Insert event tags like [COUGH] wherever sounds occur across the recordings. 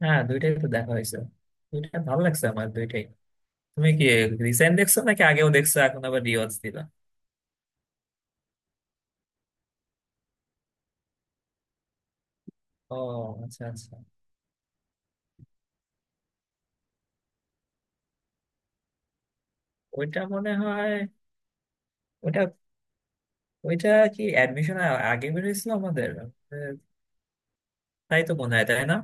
হ্যাঁ, দুইটাই তো দেখা হয়েছে। দুইটা ভালো লাগছে আমার, দুইটাই। তুমি কি রিসেন্ট দেখছো নাকি আগেও দেখছো এখন আবার রিওয়াজ দিলা? ও, আচ্ছা আচ্ছা। ওইটা মনে হয়, ওইটা ওইটা কি অ্যাডমিশন আগে বেরিয়েছিল আমাদের, তাই তো মনে হয়, তাই না?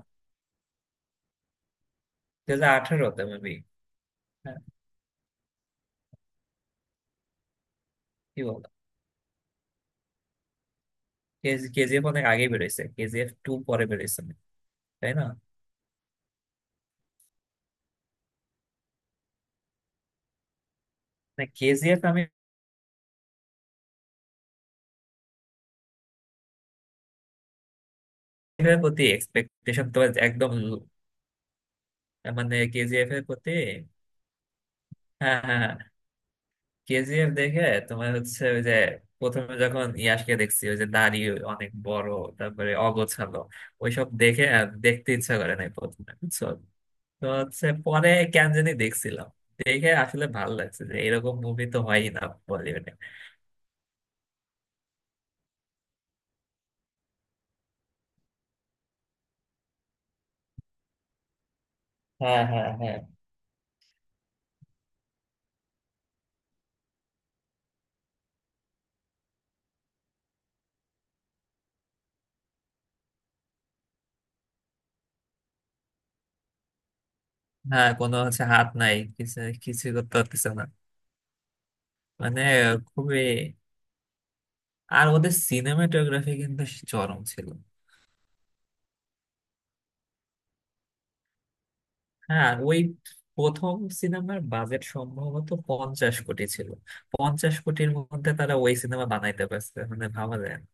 2018তে মেবি। হ্যাঁ, কি বলো, কেজিএফ অনেক আগে বেরিয়েছে, কেজিএফ টু পরে বেরিয়েছে, তাই না? না, কেজিএফ আমি, এর প্রতি এক্সপেকটেশন তো একদম মানে কেজিএফ এর প্রতি। হ্যাঁ হ্যাঁ হ্যাঁ। কেজিএফ দেখে তোমার হচ্ছে ওই যে, প্রথমে যখন ইয়াসকে দেখছি ওই যে দাড়ি অনেক বড়, তারপরে অগোছালো, ওইসব দেখে আর দেখতে ইচ্ছা করে নাই প্রথমে, বুঝছো। তো হচ্ছে পরে কেন জানি দেখছিলাম, দেখে আসলে ভালো লাগছে যে এরকম মুভি তো হয়ই না বলিউডে। হ্যাঁ হ্যাঁ হ্যাঁ। হ্যাঁ, কোনো হচ্ছে হাত নাই, কিছু কিছু করতে পারতেছে না মানে। খুবই। আর ওদের সিনেমাটোগ্রাফি কিন্তু চরম ছিল। হ্যাঁ, ওই প্রথম সিনেমার বাজেট সম্ভবত 50 কোটি ছিল। 50 কোটির মধ্যে তারা ওই সিনেমা বানাইতে পারছে, মানে ভাবা যায় না।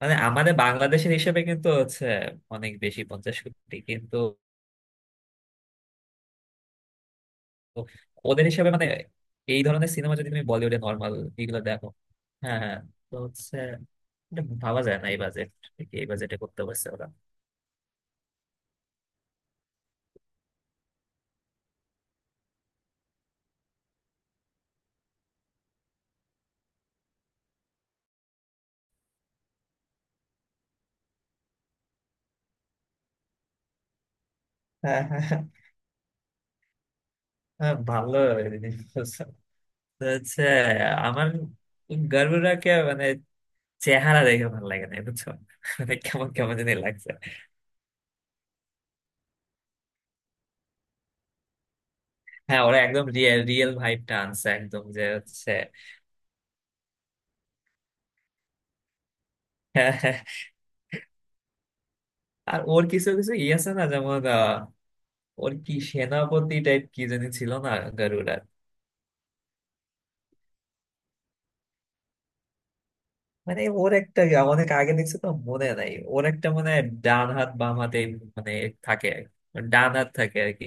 মানে আমাদের বাংলাদেশের হিসেবে কিন্তু হচ্ছে অনেক বেশি, 50 কোটি কিন্তু। ওদের হিসেবে মানে এই ধরনের সিনেমা যদি তুমি বলিউডে নর্মাল এগুলো দেখো। হ্যাঁ হ্যাঁ। তো হচ্ছে এটা ভাবা যায় না, এই বাজেট, এই বাজেটে করতে পারছে ওরা। হ্যাঁ হ্যাঁ হ্যাঁ। হ্যাঁ, ভালো জিনিস বলছেন। তো হচ্ছে আমার গার্লফ্রেন্ডকে মানে, চেহারা দেখে ভালো লাগে না, বুঝছো, মানে কেমন কেমন জানি লাগছে। হ্যাঁ, ওরা একদম রিয়েল রিয়েল ভাইবটা আনছে একদম, যে হচ্ছে। হ্যাঁ, হ্যাঁ। আর ওর কিছু কিছু ই আছে না, যেমন ওর কি সেনাপতি টাইপ কি জানি ছিল না, গারুডার। মানে ওর একটা, অনেক আগে দেখছি তো মনে নাই, ওর একটা মানে ডান হাত বাম হাতে মানে থাকে। ডান হাত থাকে আর কি।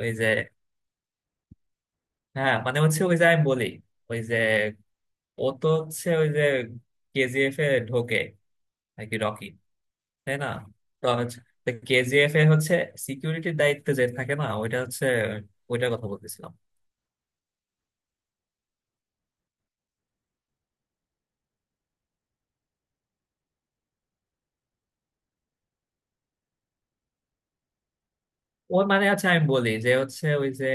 ওই যে, হ্যাঁ মানে হচ্ছে ওই যে আমি বলি, ওই যে, ও তো হচ্ছে ওই যে, কেজিএফ এ ঢোকে নাকি রকি, তাই না? তো কেজিএফ এ হচ্ছে সিকিউরিটির দায়িত্বে যে থাকে না, ওইটা হচ্ছে, ওইটার কথা বলতেছিলাম। ও মানে আচ্ছা, আমি বলি যে হচ্ছে ওই যে,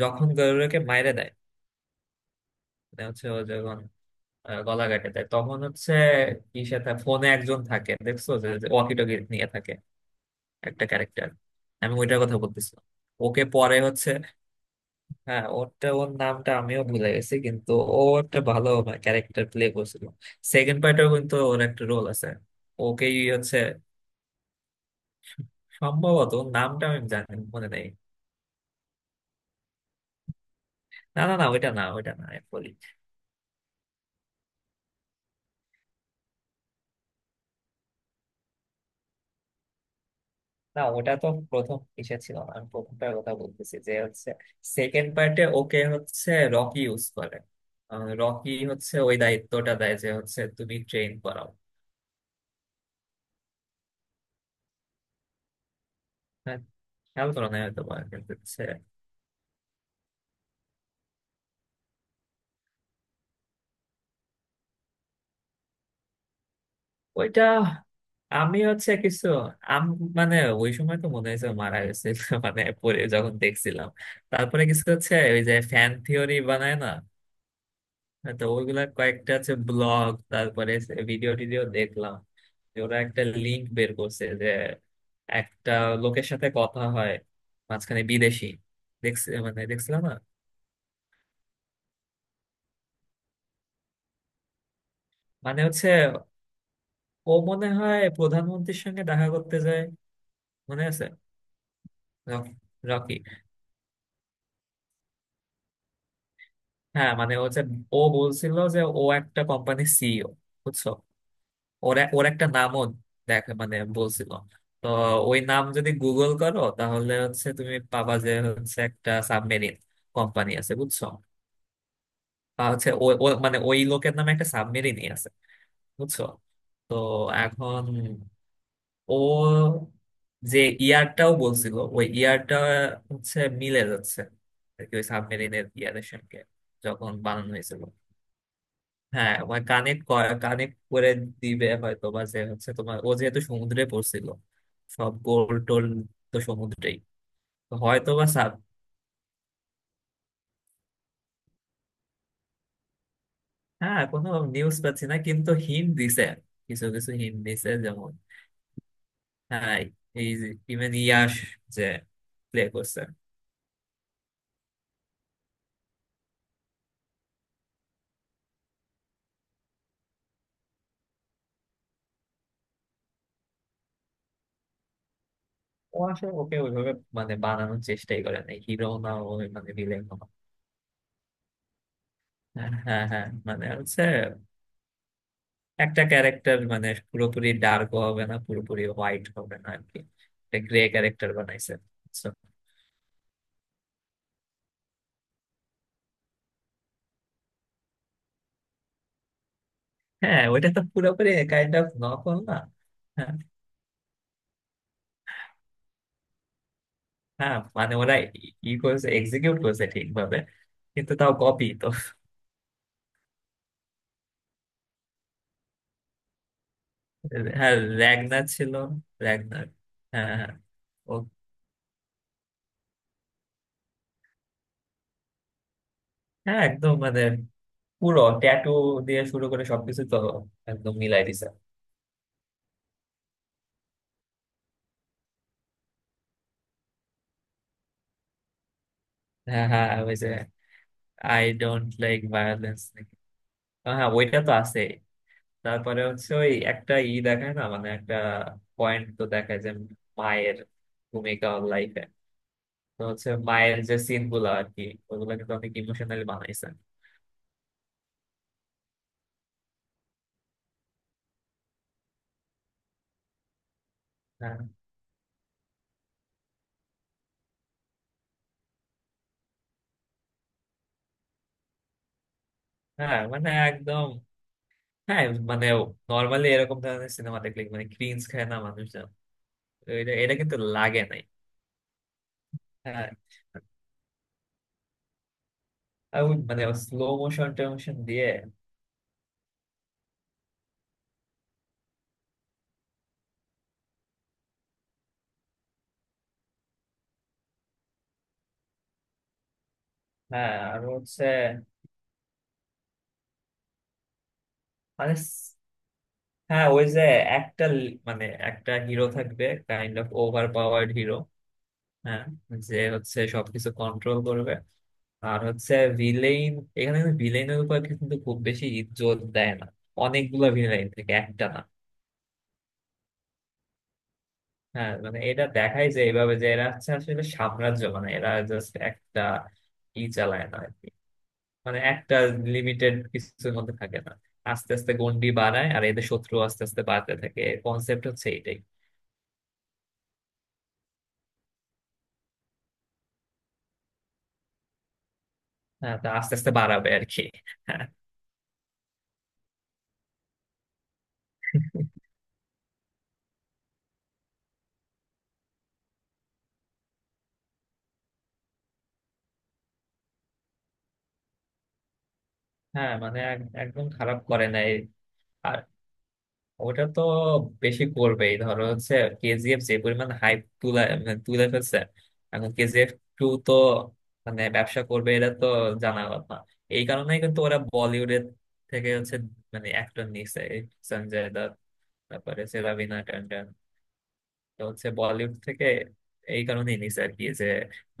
যখন গরুরকে মাইরে দেয়, মানে হচ্ছে ও যখন গলা কাটে দেয়, তখন হচ্ছে কি সাথে ফোনে একজন থাকে দেখছো, যে ওয়াকি টকি নিয়ে থাকে, একটা ক্যারেক্টার, আমি ওইটার কথা বলতেছিলাম। ওকে পরে হচ্ছে, হ্যাঁ ওরটা, ওর নামটা আমিও ভুলে গেছি, কিন্তু ও একটা ভালো ক্যারেক্টার প্লে করছিল। সেকেন্ড পার্টেও কিন্তু ওর একটা রোল আছে। ওকেই হচ্ছে, সম্ভবত ওর নামটা আমি জানি, মনে নেই। না না না, ওইটা না ওইটা না, আমি বলি, না ওটা তো প্রথম ইসে ছিল না, আমি প্রথমটার কথা বলতেছি যে হচ্ছে সেকেন্ড পার্টে ওকে হচ্ছে রকি ইউজ করে। রকি হচ্ছে ওই দায়িত্বটা দেয় যে হচ্ছে তুমি ট্রেন করাও। হ্যাঁ, খেয়াল করো না হয়তো বা, কিন্তু হচ্ছে ওইটা, আমি হচ্ছে কিছু, আম, মানে ওই সময় তো মনে হয়েছে মারা গেছে [LAUGHS] মানে পরে যখন দেখছিলাম, তারপরে কিছু হচ্ছে ওই যে ফ্যান থিওরি বানায় না, তো ওইগুলা কয়েকটা হচ্ছে ব্লগ, তারপরে ভিডিও টিডিও দেখলাম, যে ওরা একটা লিংক বের করছে, যে একটা লোকের সাথে কথা হয় মাঝখানে, বিদেশি, দেখছি মানে দেখছিলাম না, মানে হচ্ছে ও মনে হয় প্রধানমন্ত্রীর সঙ্গে দেখা করতে যায়, মনে আছে। রকি রকি, হ্যাঁ মানে ও যে, ও বলছিল যে ও একটা কোম্পানি সিইও, বুঝছো। ওর একটা নামও দেখে মানে বলছিল। তো ওই নাম যদি গুগল করো, তাহলে হচ্ছে তুমি পাবা যে হচ্ছে একটা সাবমেরিন কোম্পানি আছে, বুঝছো। আর হচ্ছে ও ও- মানে ওই লোকের নামে একটা সাবমেরিনই আছে, বুঝছো। তো এখন ও যে ইয়ারটাও বলছিল, ওই ইয়ারটা হচ্ছে মিলে যাচ্ছে আর কি, ওই সাবমেরিনের ইয়ারের সঙ্গে, যখন বানানো হয়েছিল। হ্যাঁ মানে কানেক্ট কানেক্ট করে দিবে হয়তো বা, যে হচ্ছে তোমার ও যেহেতু সমুদ্রে পড়ছিল সব গোল টোল, তো সমুদ্রেই। তো হয়তো বা সাব, হ্যাঁ কোনো নিউজ পাচ্ছি না, কিন্তু হিন্ট দিছে, কিছু কিছু হিন্ট দিছে, যেমন হ্যাঁ এই যে ইভেন ইয়াশ যে প্লে করছে, ও আসলে ওকে ওইভাবে মানে বানানোর চেষ্টাই করে নাই, হিরো না ও, মানে ভিলেন না। হ্যাঁ হ্যাঁ হ্যাঁ, মানে হচ্ছে একটা ক্যারেক্টার মানে পুরোপুরি ডার্ক হবে না, পুরোপুরি হোয়াইট হবে না আর কি, একটা গ্রে ক্যারেক্টার বানাইছে। So, হ্যাঁ ওইটা তো পুরোপুরি কাইন্ড অফ নকল না। হ্যাঁ হ্যাঁ, মানে ওরা ই ই করছে, এক্সিকিউট করছে ঠিকভাবে, কিন্তু তাও কপি তো। হ্যাঁ, র্যাগনার ছিল, র্যাগনার হ্যাঁ হ্যাঁ। ও হ্যাঁ, একদম মানে পুরো ট্যাটু দিয়ে শুরু করে সবকিছু তো, একদম মিলাই দিছে। হ্যাঁ হ্যাঁ, ওই যে, আই ডোন্ট লাইক ভায়োলেন্স। হ্যাঁ ওইটা তো আছে। তারপরে হচ্ছে ওই একটা ই দেখায় না, মানে একটা পয়েন্ট তো দেখায়, যে মায়ের ভূমিকা লাইফে। তো হচ্ছে মায়ের যে সিন গুলো আর কি, ওগুলো কিন্তু অনেক ইমোশনালি বানাইছে। হ্যাঁ হ্যাঁ মানে একদম। হ্যাঁ, মানে নর্মালি এরকম ধরনের সিনেমা দেখলে মানে ক্রিঞ্জ খায় না মানুষজন, তো এটা এটা কিন্তু লাগে নাই। হ্যাঁ, আর ওই মানে স্লো মোশন টোশন দিয়ে। হ্যাঁ আর হচ্ছে মানে হ্যাঁ, ওই যে একটা মানে একটা হিরো থাকবে, kind of overpowered hero. হ্যাঁ, যে হচ্ছে সবকিছু কন্ট্রোল করবে। আর হচ্ছে ভিলেইন, এখানে ভিলেইনের উপর কিন্তু খুব বেশি ইজ্জত দেয় না, অনেকগুলা ভিলেইন থেকে একটা না। হ্যাঁ মানে এটা দেখাই, যে এইভাবে যে এরা হচ্ছে আসলে সাম্রাজ্য, মানে এরা জাস্ট একটা ই চালায় না আর কি, মানে একটা লিমিটেড কিছুর মধ্যে থাকে না, আস্তে আস্তে গন্ডি বাড়ায়, আর এদের শত্রু আস্তে আস্তে বাড়তে থাকে, কনসেপ্ট হচ্ছে এটাই। হ্যাঁ তা আস্তে আস্তে বাড়াবে আর কি। হ্যাঁ হ্যাঁ, মানে একদম খারাপ করে না এই। ওটা তো বেশি করবেই, ধরো হচ্ছে কেজিএফ যে পরিমাণ হাইপ তুলে মানে তুলে ফেলছে, এখন কেজিএফ টু তো মানে ব্যবসা করবে, এটা তো জানা কথা। এই কারণেই কিন্তু ওরা বলিউডের থেকে হচ্ছে মানে অ্যাক্টর নিচ্ছে, এই সঞ্জয় দত্ত, তারপরে হচ্ছে রবিনা ট্যান্ডন, তো হচ্ছে বলিউড থেকে এই কারণেই নিচ্ছে আর কি, যে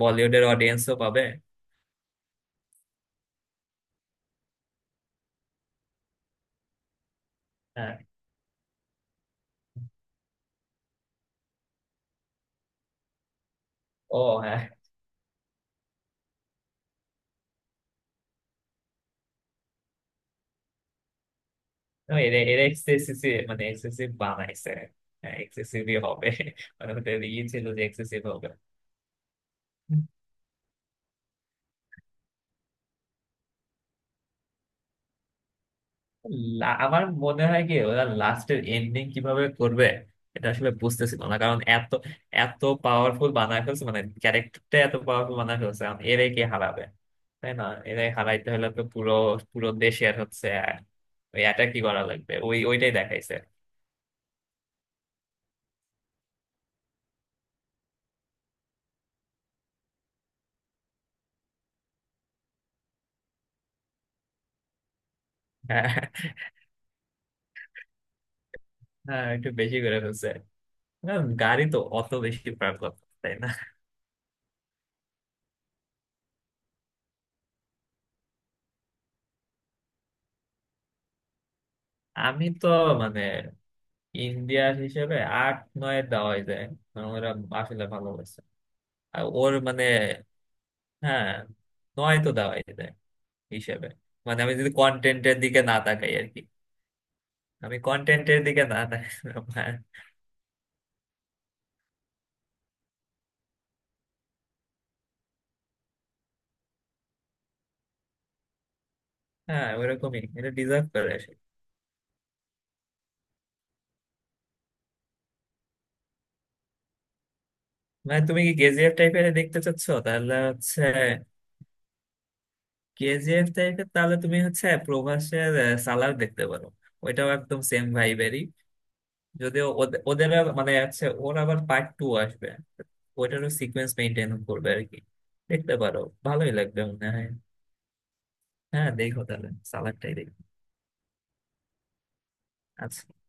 বলিউডের অডিয়েন্সও পাবে। হ্যাঁ, ও হ্যাঁ। তো এরা এরা এক্সেসিভ মানে এক্সেসিভ বানাইছে। হ্যাঁ এক্সেসিভই হবে, মানে ওদের ই ছিল যে এক্সেসিভ। আমার মনে হয় কি, ওরা লাস্টের এন্ডিং কিভাবে করবে এটা আসলে বুঝতেছিল না, কারণ এত এত পাওয়ারফুল বানায় ফেলছে, মানে ক্যারেক্টারটা এত পাওয়ারফুল বানায় ফেলছে, এখন এরাই কে হারাবে, তাই না? এরাই হারাইতে হলে তো পুরো, পুরো দেশে আর হচ্ছে ওই অ্যাটাকই করা লাগবে, ওই ওইটাই দেখাইছে। [LAUGHS] হ্যাঁ হ্যাঁ, একটু বেশি করে ফেলছে। না, গাড়ি তো অত বেশি পারলাম, তাই না? আমি তো মানে ইন্ডিয়ার হিসেবে 8-9 দেওয়াই যায়, কারণ ওরা আসলে ভালো হয়েছে আর ওর মানে। হ্যাঁ, নয় তো দেওয়াই যায় হিসেবে, মানে আমি যদি কন্টেন্টের দিকে না তাকাই আর কি। আমি কন্টেন্টের দিকে না তাকাই। হ্যাঁ হ্যাঁ, ওরকমই এটা ডিজার্ভ করে আসে। মানে তুমি কি কেজিএফ টাইপের দেখতে চাচ্ছো? তাহলে হচ্ছে কেজিএফ টাইপের, তাহলে তুমি হচ্ছে প্রভাসের সালার দেখতে পারো। ওইটাও একদম সেম ভাইবেরই, যদিও ওদের আর মানে আছে, ওর আবার পার্ট টু আসবে। ওইটারও সিকোয়েন্স মেনটেন করবে আর কি, দেখতে পারো, ভালোই লাগবে মনে হয়। হ্যাঁ দেখো তাহলে, সালাডটাই দেখো। আচ্ছা।